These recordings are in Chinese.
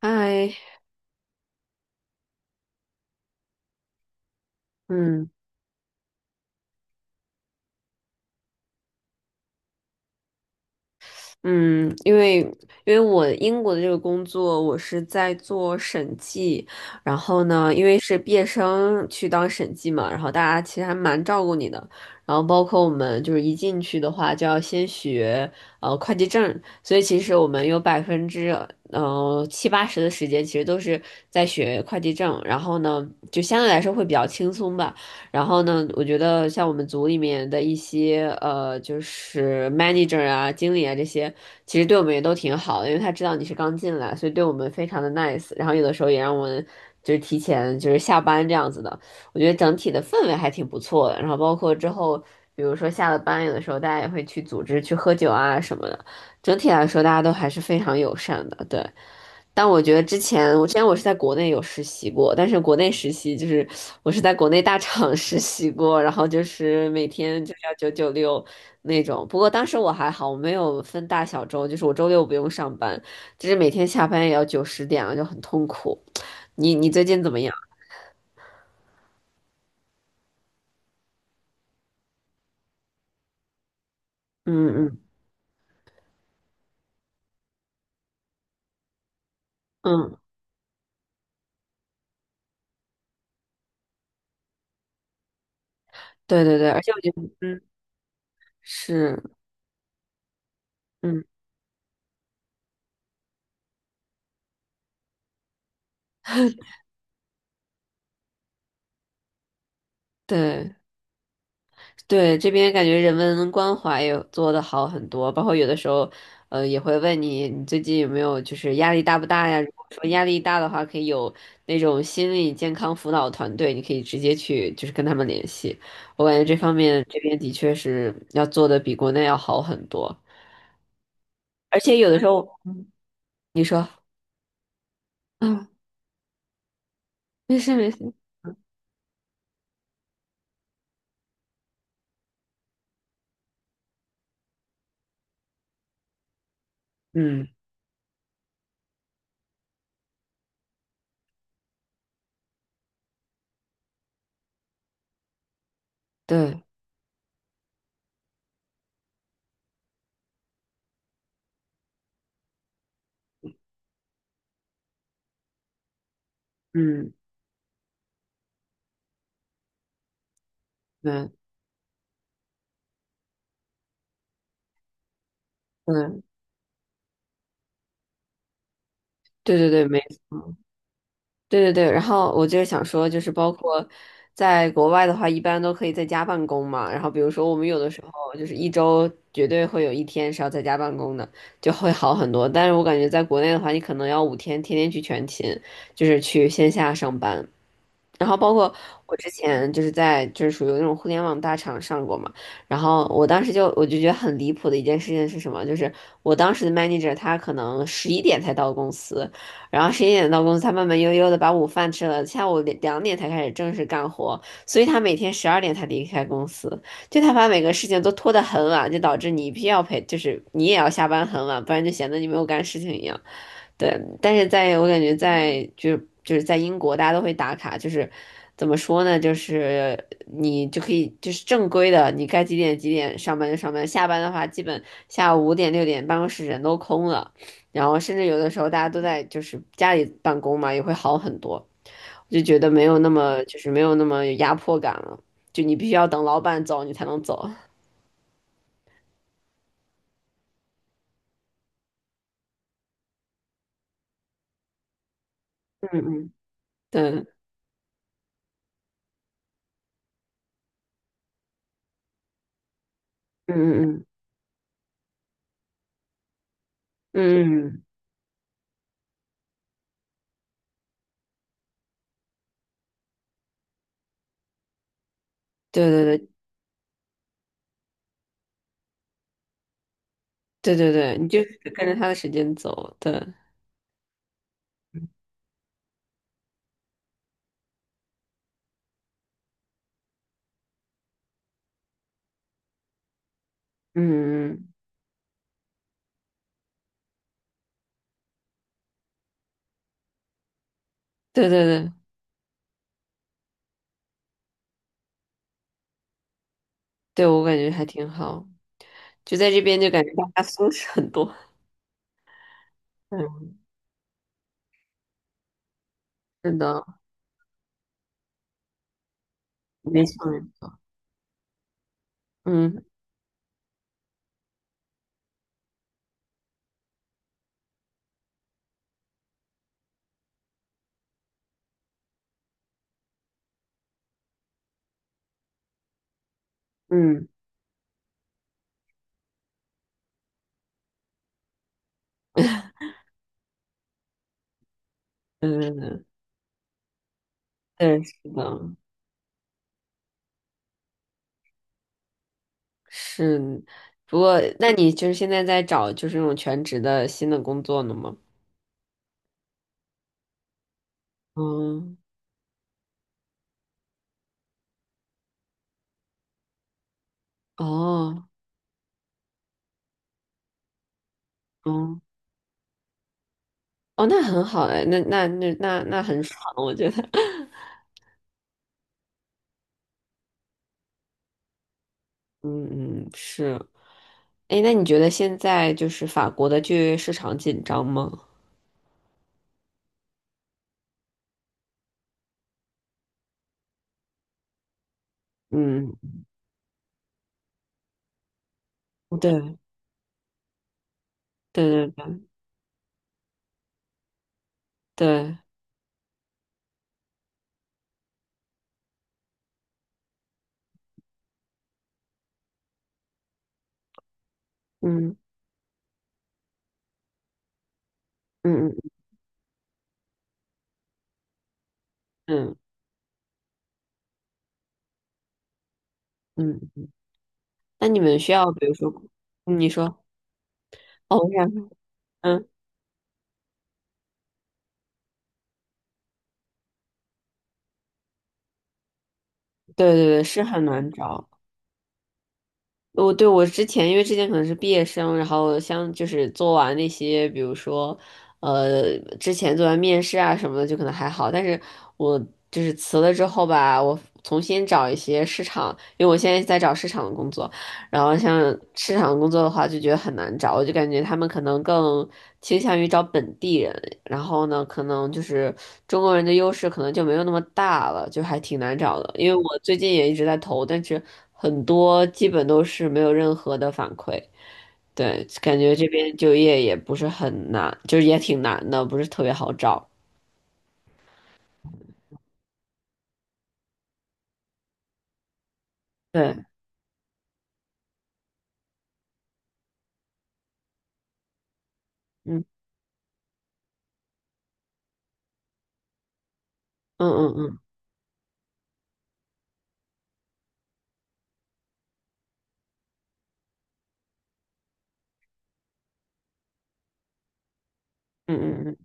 嗨，嗯嗯，因为我英国的这个工作，我是在做审计，然后呢，因为是毕业生去当审计嘛，然后大家其实还蛮照顾你的，然后包括我们就是一进去的话就要先学会计证，所以其实我们有百分之七八十的时间其实都是在学会计证，然后呢，就相对来说会比较轻松吧。然后呢，我觉得像我们组里面的一些就是 manager 啊、经理啊这些，其实对我们也都挺好的，因为他知道你是刚进来，所以对我们非常的 nice。然后有的时候也让我们就是提前就是下班这样子的，我觉得整体的氛围还挺不错的。然后包括之后，比如说下了班，有的时候大家也会去组织去喝酒啊什么的，整体来说大家都还是非常友善的，对。但我觉得之前，我之前我是在国内有实习过，但是国内实习就是我是在国内大厂 实习过，然后就是每天就要996那种。不过当时我还好，我没有分大小周，就是我周六不用上班，就是每天下班也要九十点了，就很痛苦。你最近怎么样？嗯嗯嗯，对对对，而且我觉得，嗯，是，嗯，对。对，这边感觉人文关怀也做的好很多，包括有的时候，也会问你，你最近有没有就是压力大不大呀？如果说压力大的话，可以有那种心理健康辅导团队，你可以直接去就是跟他们联系。我感觉这方面这边的确是要做的比国内要好很多，而且有的时候，嗯你说啊，没事没事，嗯，对，嗯，对，对，对对对，没错。对对对，然后我就是想说，就是包括在国外的话，一般都可以在家办公嘛。然后比如说我们有的时候就是一周绝对会有一天是要在家办公的，就会好很多。但是我感觉在国内的话，你可能要5天天天去全勤，就是去线下上班。然后包括我之前就是在就是属于那种互联网大厂上过嘛，然后我当时就我就觉得很离谱的一件事情是什么？就是我当时的 manager 他可能11点才到公司，然后十一点到公司，他慢慢悠悠的把午饭吃了，下午两点才开始正式干活，所以他每天12点才离开公司，就他把每个事情都拖得很晚，就导致你必须要陪，就是你也要下班很晚，不然就显得你没有干事情一样。对，但是在我感觉在就是在英国，大家都会打卡，就是怎么说呢？就是你就可以就是正规的，你该几点几点上班就上班，下班的话基本下午五点六点办公室人都空了，然后甚至有的时候大家都在就是家里办公嘛，也会好很多。我就觉得没有那么就是没有那么有压迫感了，就你必须要等老板走你才能走。嗯嗯，对，嗯嗯嗯嗯嗯，对对对。对对对，你就跟着他的时间走，对，嗯，对对对，对我感觉还挺好，就在这边就感觉大家松弛很多，嗯，是的，没错，没错嗯嗯嗯，对，是的，是，不过那你就是现在在找就是那种全职的新的工作呢吗？嗯，哦，哦哦，那很好哎，那很爽，我觉得，嗯嗯是。哎，那你觉得现在就是法国的就业市场紧张吗？嗯，对对对对，嗯嗯嗯嗯嗯。那你们需要，比如说，嗯你说，哦，我想说，嗯，对对对，是很难找。我对我之前，因为之前可能是毕业生，然后像就是做完那些，比如说，之前做完面试啊什么的，就可能还好。但是我就是辞了之后吧，我重新找一些市场，因为我现在在找市场的工作。然后像市场工作的话，就觉得很难找，我就感觉他们可能更倾向于找本地人，然后呢，可能就是中国人的优势可能就没有那么大了，就还挺难找的。因为我最近也一直在投，但是很多基本都是没有任何的反馈。对，感觉这边就业也不是很难，就是也挺难的，不是特别好找。对，嗯嗯嗯嗯嗯嗯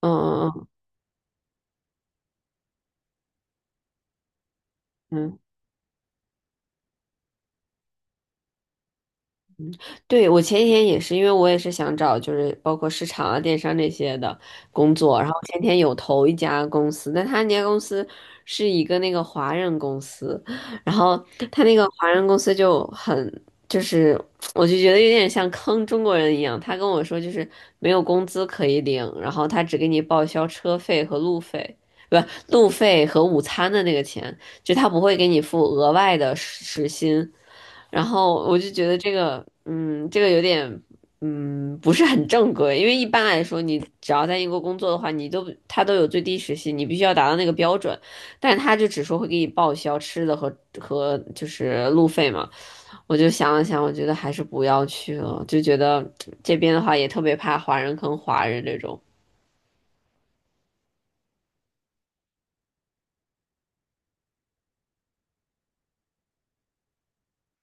嗯嗯嗯嗯嗯。对，我前几天也是，因为我也是想找就是包括市场啊、电商这些的工作，然后前天有投一家公司，但他那家公司是一个那个华人公司，然后他那个华人公司就很就是，我就觉得有点像坑中国人一样，他跟我说就是没有工资可以领，然后他只给你报销车费和路费。不，路费和午餐的那个钱，就他不会给你付额外的时薪，然后我就觉得这个，这个有点，不是很正规，因为一般来说，你只要在英国工作的话，他都有最低时薪，你必须要达到那个标准，但他就只说会给你报销吃的和就是路费嘛。我就想了想，我觉得还是不要去了，就觉得这边的话也特别怕华人坑华人这种。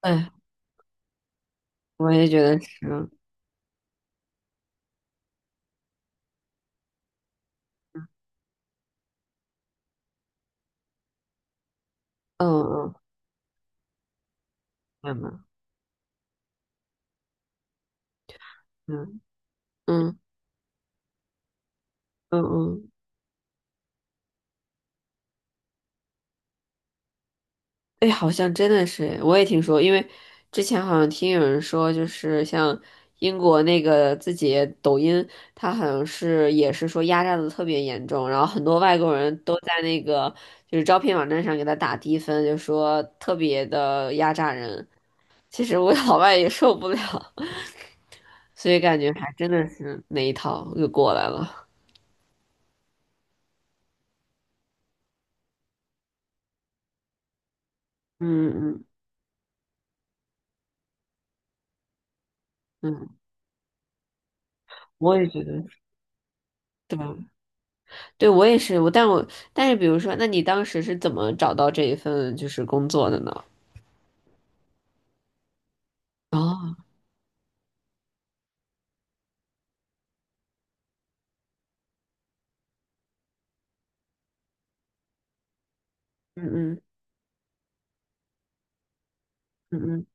哎，我也觉得是，嗯嗯，明白嗯嗯嗯嗯。哎，好像真的是，我也听说，因为之前好像听有人说，就是像英国那个自己抖音，它好像是也是说压榨的特别严重，然后很多外国人都在那个就是招聘网站上给他打低分，就说特别的压榨人。其实我 老外也受不了，所以感觉还真的是那一套又过来了。嗯嗯嗯，我也觉得是，对吧？对，我也是，我但我但是，比如说，那你当时是怎么找到这一份就是工作的呢？哦，嗯嗯嗯嗯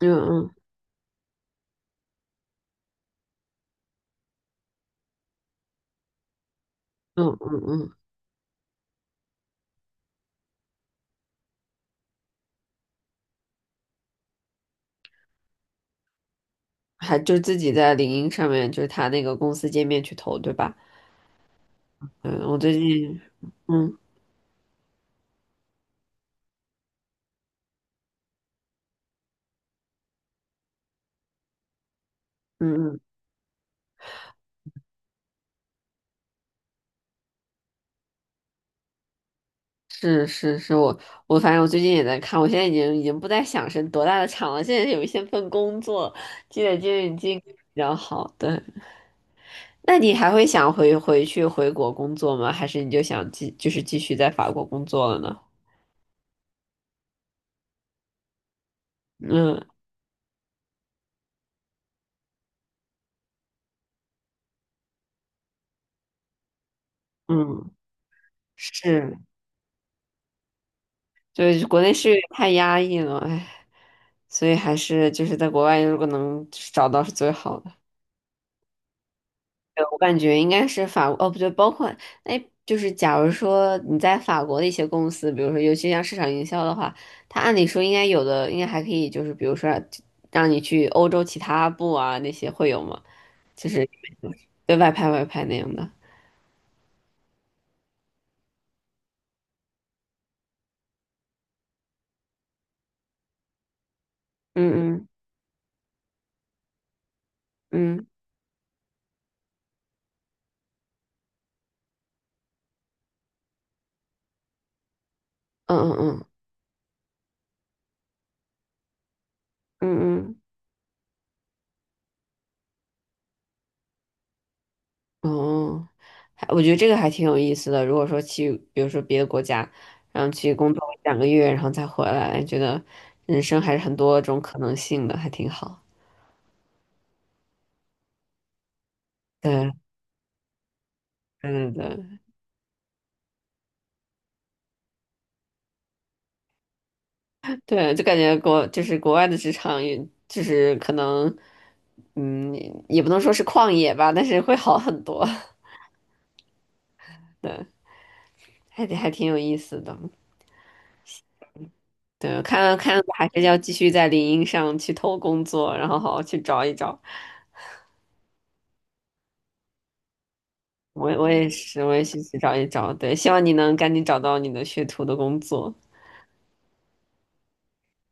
嗯嗯嗯嗯嗯，还就自己在领英上面，就是他那个公司界面去投，对吧？嗯，我最近，嗯嗯嗯，是是是我反正我最近也在看，我现在已经不再想是多大的厂了，现在有一些份工作积累经验比较好，对，那你还会想回国工作吗？还是你就想继就是继续在法国工作了呢？嗯嗯，是，就是国内是太压抑了，哎，所以还是就是在国外如果能找到是最好的。对我感觉应该是法国，哦不对，包括哎，就是假如说你在法国的一些公司，比如说尤其像市场营销的话，它按理说应该有的应该还可以，就是比如说让你去欧洲其他部啊那些会有吗？就是对外派外派那样的。嗯嗯嗯嗯嗯嗯嗯哦，还我觉得这个还挺有意思的。如果说去，比如说别的国家，然后去工作2个月，然后再回来，觉得人生还是很多种可能性的，还挺好。对对对对，对就感觉国就是国外的职场也，就是可能，嗯，也不能说是旷野吧，但是会好很多。对，还挺有意思的。对，看看还是要继续在领英上去偷工作，然后好好去找一找。我也是，我也是去找一找。对，希望你能赶紧找到你的学徒的工作。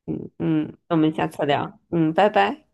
嗯嗯，那我们下次聊。嗯，拜拜。